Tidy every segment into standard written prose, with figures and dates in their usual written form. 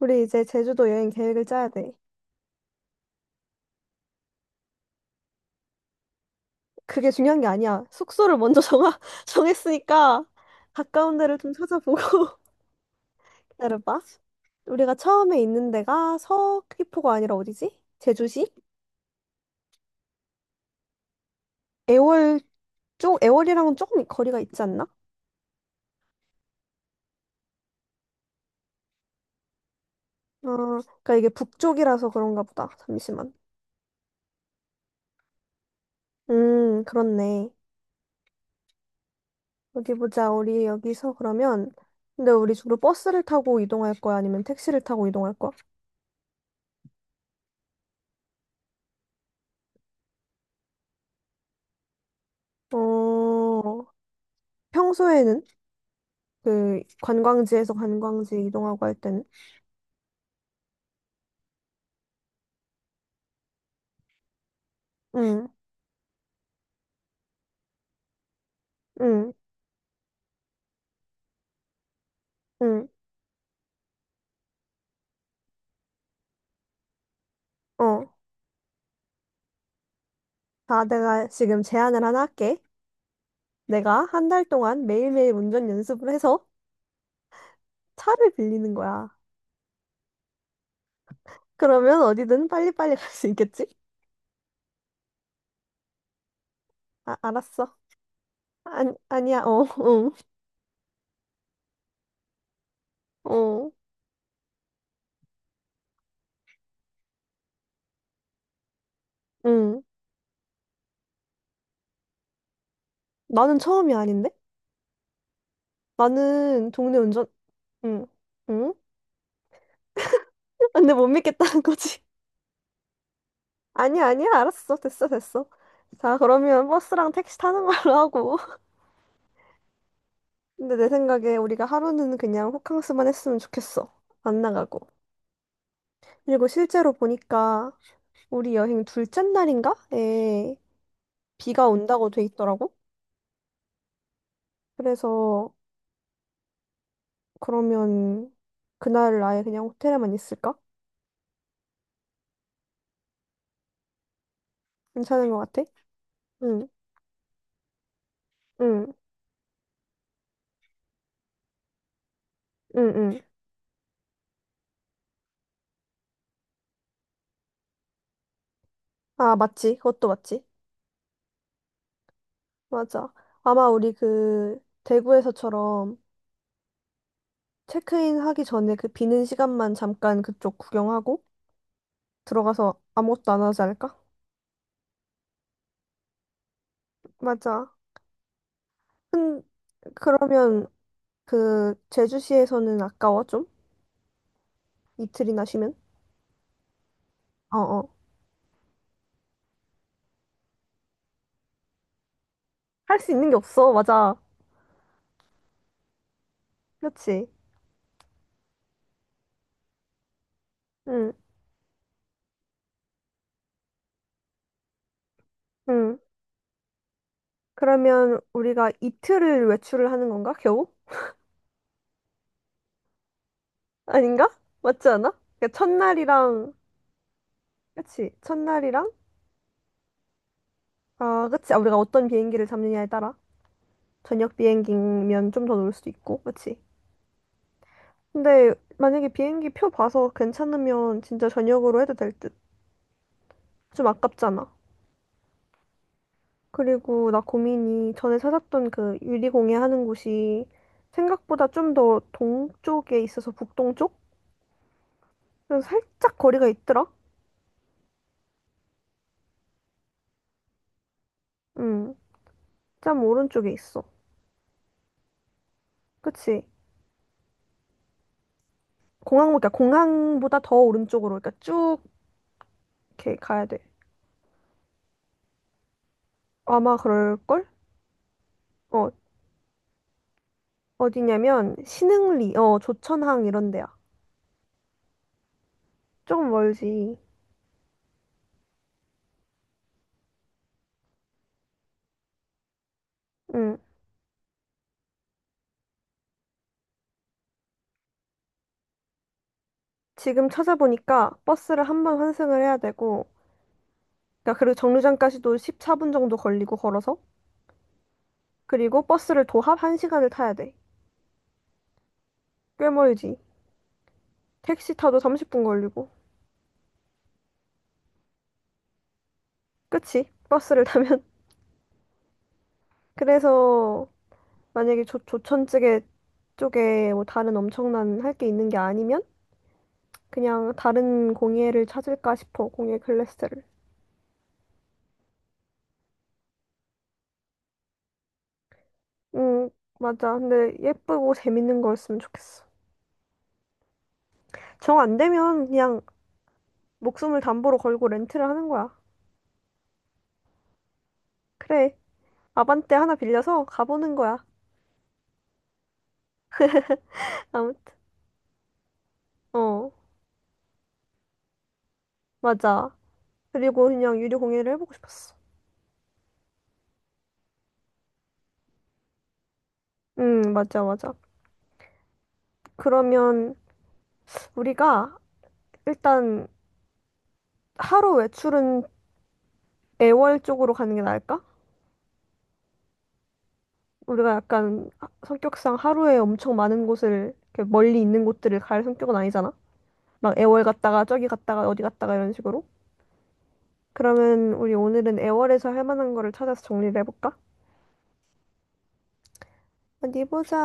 우리 이제 제주도 여행 계획을 짜야 돼. 그게 중요한 게 아니야. 숙소를 먼저 정했으니까 가까운 데를 좀 찾아보고 기다려봐. 우리가 처음에 있는 데가 서귀포가 아니라 어디지? 제주시? 애월 쪽, 애월이랑은 조금 거리가 있지 않나? 어, 그러니까 이게 북쪽이라서 그런가 보다. 잠시만. 그렇네. 어디 보자. 우리 여기서 그러면 근데 우리 주로 버스를 타고 이동할 거야? 아니면 택시를 타고 이동할 거야? 어, 평소에는? 그 관광지에서 관광지 이동하고 할 때는 응, 응, 응. 어. 자, 내가 지금 제안을 하나 할게. 내가 한 달 동안 매일매일 운전 연습을 해서 차를 빌리는 거야. 그러면 어디든 빨리빨리 갈 수 있겠지? 아, 알았어. 아니, 아니야. 어, 응, 어, 응. 나는 처음이 아닌데? 나는 동네 운전, 응, 응? 근데 못 믿겠다는 거지. 아니야, 아니야. 알았어. 됐어, 됐어. 자, 그러면 버스랑 택시 타는 걸로 하고. 근데 내 생각에 우리가 하루는 그냥 호캉스만 했으면 좋겠어. 안 나가고. 그리고 실제로 보니까 우리 여행 둘째 날인가에 비가 온다고 돼 있더라고. 그래서 그러면 그날 아예 그냥 호텔에만 있을까? 괜찮은 것 같아? 응, 응, 응, 응. 아, 맞지. 그것도 맞지. 맞아. 아마 우리 그 대구에서처럼 체크인 하기 전에 그 비는 시간만 잠깐 그쪽 구경하고 들어가서 아무것도 안 하지 않을까? 맞아. 근 그러면 그 제주시에서는 아까워 좀? 이틀이나 쉬면? 어어. 할 수 있는 게 없어. 맞아. 그렇지. 응. 응. 그러면 우리가 이틀을 외출을 하는 건가? 겨우? 아닌가? 맞지 않아? 그러니까 첫날이랑 그치? 첫날이랑 아, 그치? 아, 우리가 어떤 비행기를 잡느냐에 따라 저녁 비행기면 좀 더 놀 수도 있고. 그치? 근데 만약에 비행기 표 봐서 괜찮으면 진짜 저녁으로 해도 될 듯. 좀 아깝잖아. 그리고 나 고민이 전에 찾았던 그 유리공예 하는 곳이 생각보다 좀 더 동쪽에 있어서 북동쪽? 그래서 살짝 거리가 있더라? 응, 짬 오른쪽에 있어. 그치? 공항, 그러니까 공항보다 더 오른쪽으로, 그러니까 쭉 이렇게 가야 돼. 아마 그럴걸? 어, 어디냐면 신흥리, 어, 조천항 이런 데야. 조금 멀지. 응. 지금 찾아보니까 버스를 한번 환승을 해야 되고, 그러니까 그리고 정류장까지도 14분 정도 걸리고 걸어서. 그리고 버스를 도합 1시간을 타야 돼. 꽤 멀지. 택시 타도 30분 걸리고. 그치? 버스를 타면. 그래서 만약에 조천 쪽에 뭐 다른 엄청난 할 게 있는 게 아니면 그냥 다른 공예를 찾을까 싶어. 공예 클래스를. 음, 맞아. 근데 예쁘고 재밌는 거였으면 좋겠어. 정 안 되면 그냥 목숨을 담보로 걸고 렌트를 하는 거야. 그래. 아반떼 하나 빌려서 가보는 거야. 아무, 어, 맞아. 그리고 그냥 유료 공예를 해보고 싶었어. 맞아, 맞아. 그러면 우리가 일단 하루 외출은 애월 쪽으로 가는 게 나을까? 우리가 약간 성격상 하루에 엄청 많은 곳을 이렇게 멀리 있는 곳들을 갈 성격은 아니잖아. 막 애월 갔다가 저기 갔다가 어디 갔다가 이런 식으로. 그러면 우리 오늘은 애월에서 할 만한 거를 찾아서 정리를 해볼까? 어디 보자.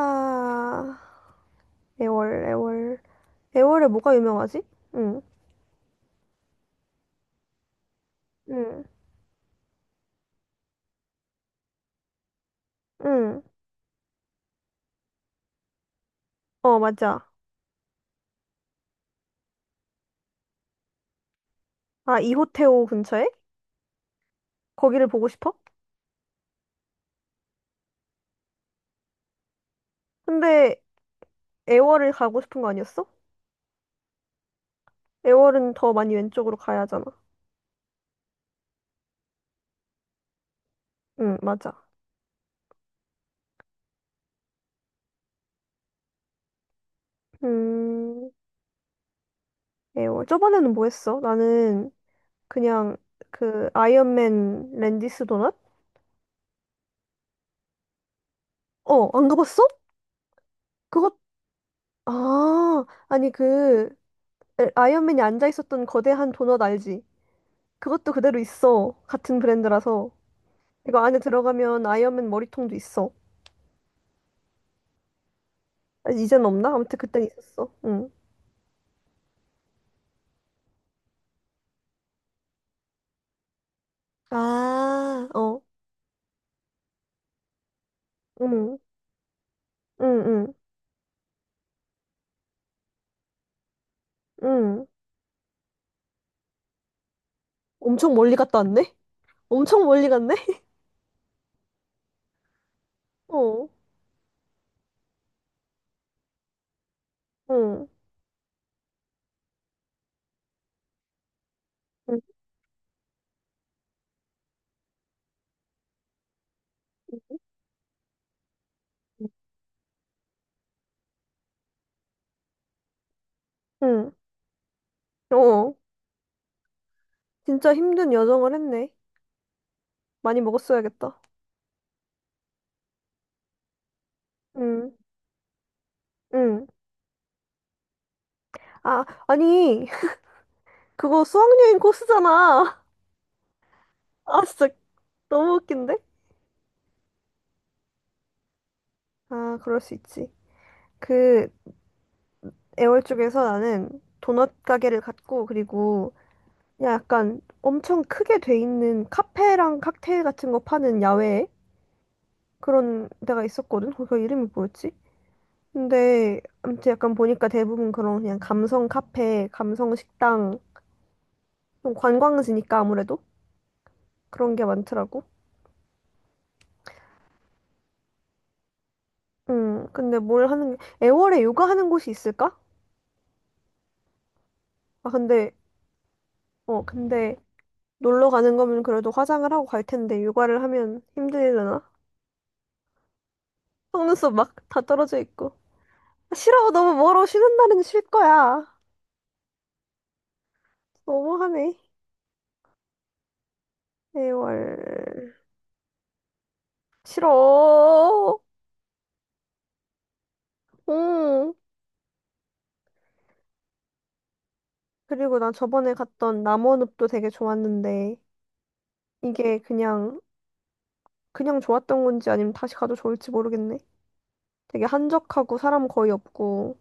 애월, 애월. 애월에 뭐가 유명하지? 응, 응, 응. 어, 맞아. 아, 이호태오 근처에? 거기를 보고 싶어? 근데 애월을 가고 싶은 거 아니었어? 애월은 더 많이 왼쪽으로 가야 하잖아. 응, 맞아. 음, 애월. 저번에는 뭐 했어? 나는 그냥 그 아이언맨 랜디스 도넛? 어, 안 가봤어? 그거, 아, 아니 그 아이언맨이 앉아 있었던 거대한 도넛 알지? 그것도 그대로 있어. 같은 브랜드라서. 이거 안에 들어가면 아이언맨 머리통도 있어. 아, 이젠 없나? 아무튼 그땐 있었어. 응. 아, 어. 응. 응, 응, 응. 엄청 멀리 갔다 왔네? 엄청 멀리 갔네? 어, 응, 응, 응. 응. 어, 진짜 힘든 여정을 했네. 많이 먹었어야겠다. 응, 응. 아, 아니, 그거 수학여행 코스잖아. 아, 진짜 너무 웃긴데? 아, 그럴 수 있지. 그, 애월 쪽에서 나는 도넛 가게를 갔고, 그리고 그냥 약간 엄청 크게 돼 있는 카페랑 칵테일 같은 거 파는 야외 그런 데가 있었거든. 거기 이름이 뭐였지? 근데 아무튼 약간 보니까 대부분 그런 그냥 감성 카페, 감성 식당, 좀 관광지니까 아무래도 그런 게 많더라고. 근데 뭘 하는 게 애월에 요가 하는 곳이 있을까? 아, 근데 어, 근데 놀러 가는 거면 그래도 화장을 하고 갈 텐데 요가를 하면 힘들려나? 속눈썹 막 다 떨어져 있고. 아, 싫어, 너무 멀어. 쉬는 날은 쉴 거야. 너무하네. 애월 싫어. 음. 그리고 나 저번에 갔던 남원읍도 되게 좋았는데 이게 그냥 그냥 좋았던 건지 아니면 다시 가도 좋을지 모르겠네. 되게 한적하고 사람 거의 없고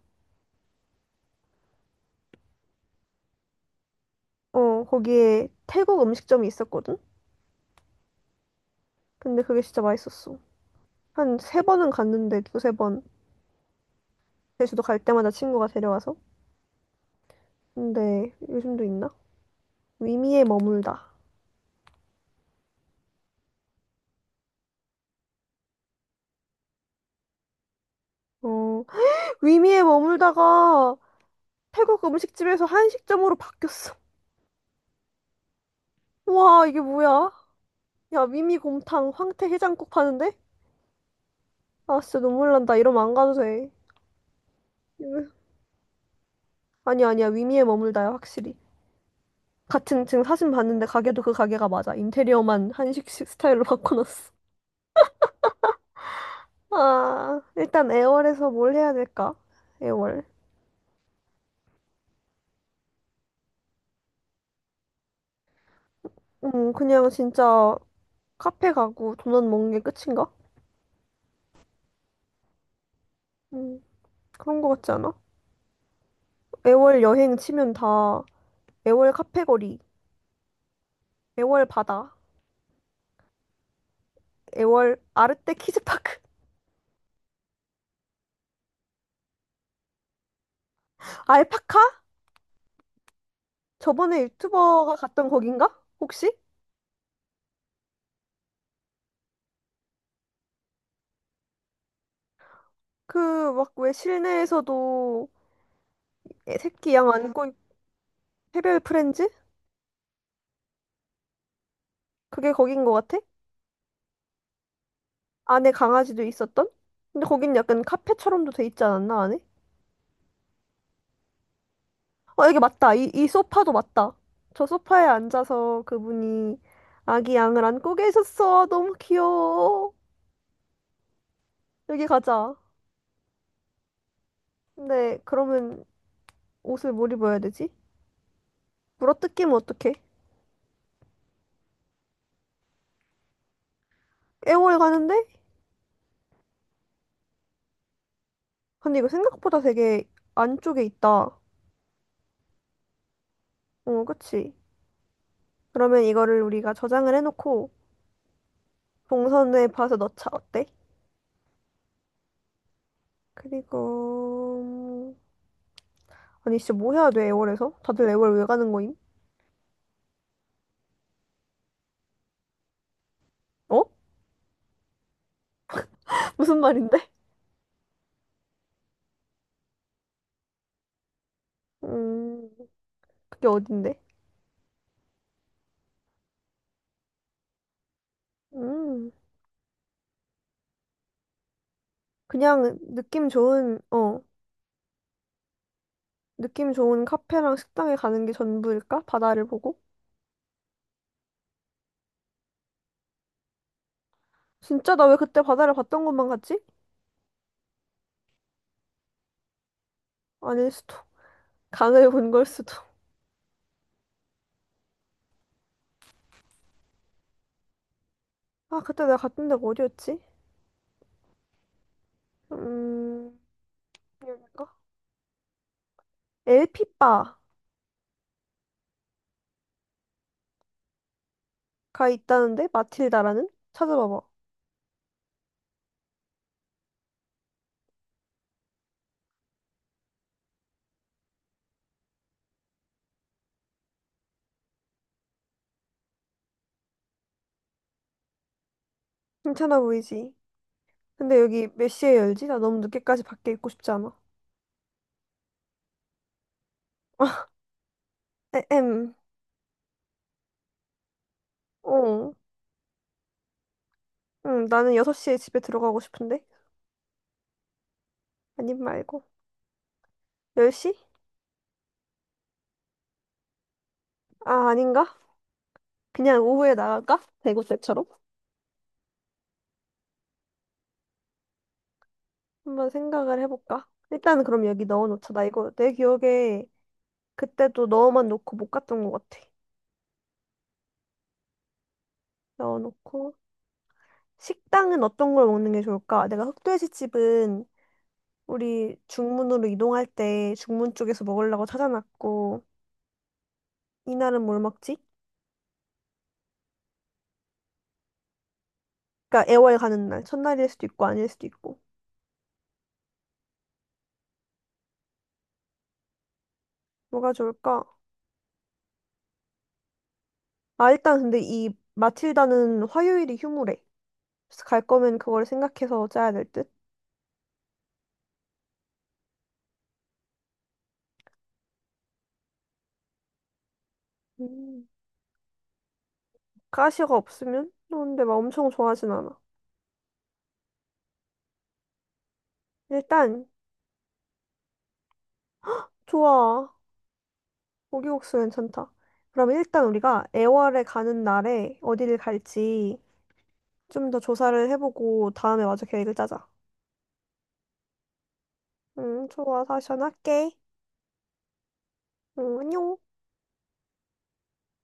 어 거기에 태국 음식점이 있었거든. 근데 그게 진짜 맛있었어. 한 세 번은 갔는데 두세 번 제주도 갈 때마다 친구가 데려와서. 근데 요즘도 있나? 위미에 머물다. 어 위미에 머물다가 태국 음식집에서 한식점으로 바뀌었어. 와 이게 뭐야? 야 위미 곰탕, 황태 해장국 파는데? 아 진짜 눈물 난다. 이러면 안 가도 돼. 아니 아니야 위미에 머물다야 확실히 같은 지금 사진 봤는데 가게도 그 가게가 맞아 인테리어만 한식식 스타일로 바꿔놨어 아 일단 애월에서 뭘 해야 될까 애월 그냥 진짜 카페 가고 도넛 먹는 게 끝인가 음 그런 거 같지 않아 애월 여행 치면 다 애월 카페 거리 애월 바다 애월 아르떼 키즈파크 알파카 저번에 유튜버가 갔던 거긴가 혹시 그 막 왜 실내에서도 애- 새끼 양 안고 해별 프렌즈? 그게 거긴 것 같아? 안에 강아지도 있었던? 근데 거긴 약간 카페처럼도 돼 있지 않았나, 안에? 어, 여기 맞다. 이 소파도 맞다. 저 소파에 앉아서 그분이 아기 양을 안고 계셨어. 너무 귀여워. 여기 가자. 근데 그러면 옷을 뭘 입어야 되지? 물어뜯기면 어떡해? 애월 가는데? 근데 이거 생각보다 되게 안쪽에 있다. 어, 그치? 그러면 이거를 우리가 저장을 해놓고 동선에 봐서 넣자. 어때? 그리고 아니 진짜 뭐 해야 돼 애월에서? 다들 애월 왜 가는 거임? 어? 무슨 말인데? 음 그게 어딘데? 음 그냥 느낌 좋은 어 느낌 좋은 카페랑 식당에 가는 게 전부일까? 바다를 보고? 진짜 나 왜 그때 바다를 봤던 것만 같지? 아닐 수도 강을 본 걸 수도 아 그때 내가 갔던 데가 어디였지? 음 여기가? 엘피바가 있다는데 마틸다라는? 찾아봐봐 괜찮아 보이지? 근데 여기 몇 시에 열지? 나 너무 늦게까지 밖에 있고 싶지 않아. 에엠. 어. 응, 나는 6시에 집에 들어가고 싶은데. 아님 말고. 10시? 아, 아닌가? 그냥 오후에 나갈까? 대구 때처럼? 한번 생각을 해볼까? 일단은 그럼 여기 넣어놓자. 나 이거 내 기억에 그때도 넣어만 놓고 못 갔던 것 같아. 넣어놓고. 식당은 어떤 걸 먹는 게 좋을까? 내가 흑돼지집은 우리 중문으로 이동할 때 중문 쪽에서 먹으려고 찾아놨고, 이날은 뭘 먹지? 그러니까 애월 가는 날, 첫날일 수도 있고 아닐 수도 있고. 뭐가 좋을까? 아, 일단 근데 이 마틸다는 화요일이 휴무래. 그래서 갈 거면 그걸 생각해서 짜야 될 듯? 음. 가시가 없으면? 너 근데 막 엄청 좋아하진 않아. 일단, 좋아. 고기국수 괜찮다. 그러면 일단 우리가 애월에 가는 날에 어디를 갈지 좀 더 조사를 해보고 다음에 마저 계획을 짜자. 응, 좋아. 다시 전화할게. 응, 안녕.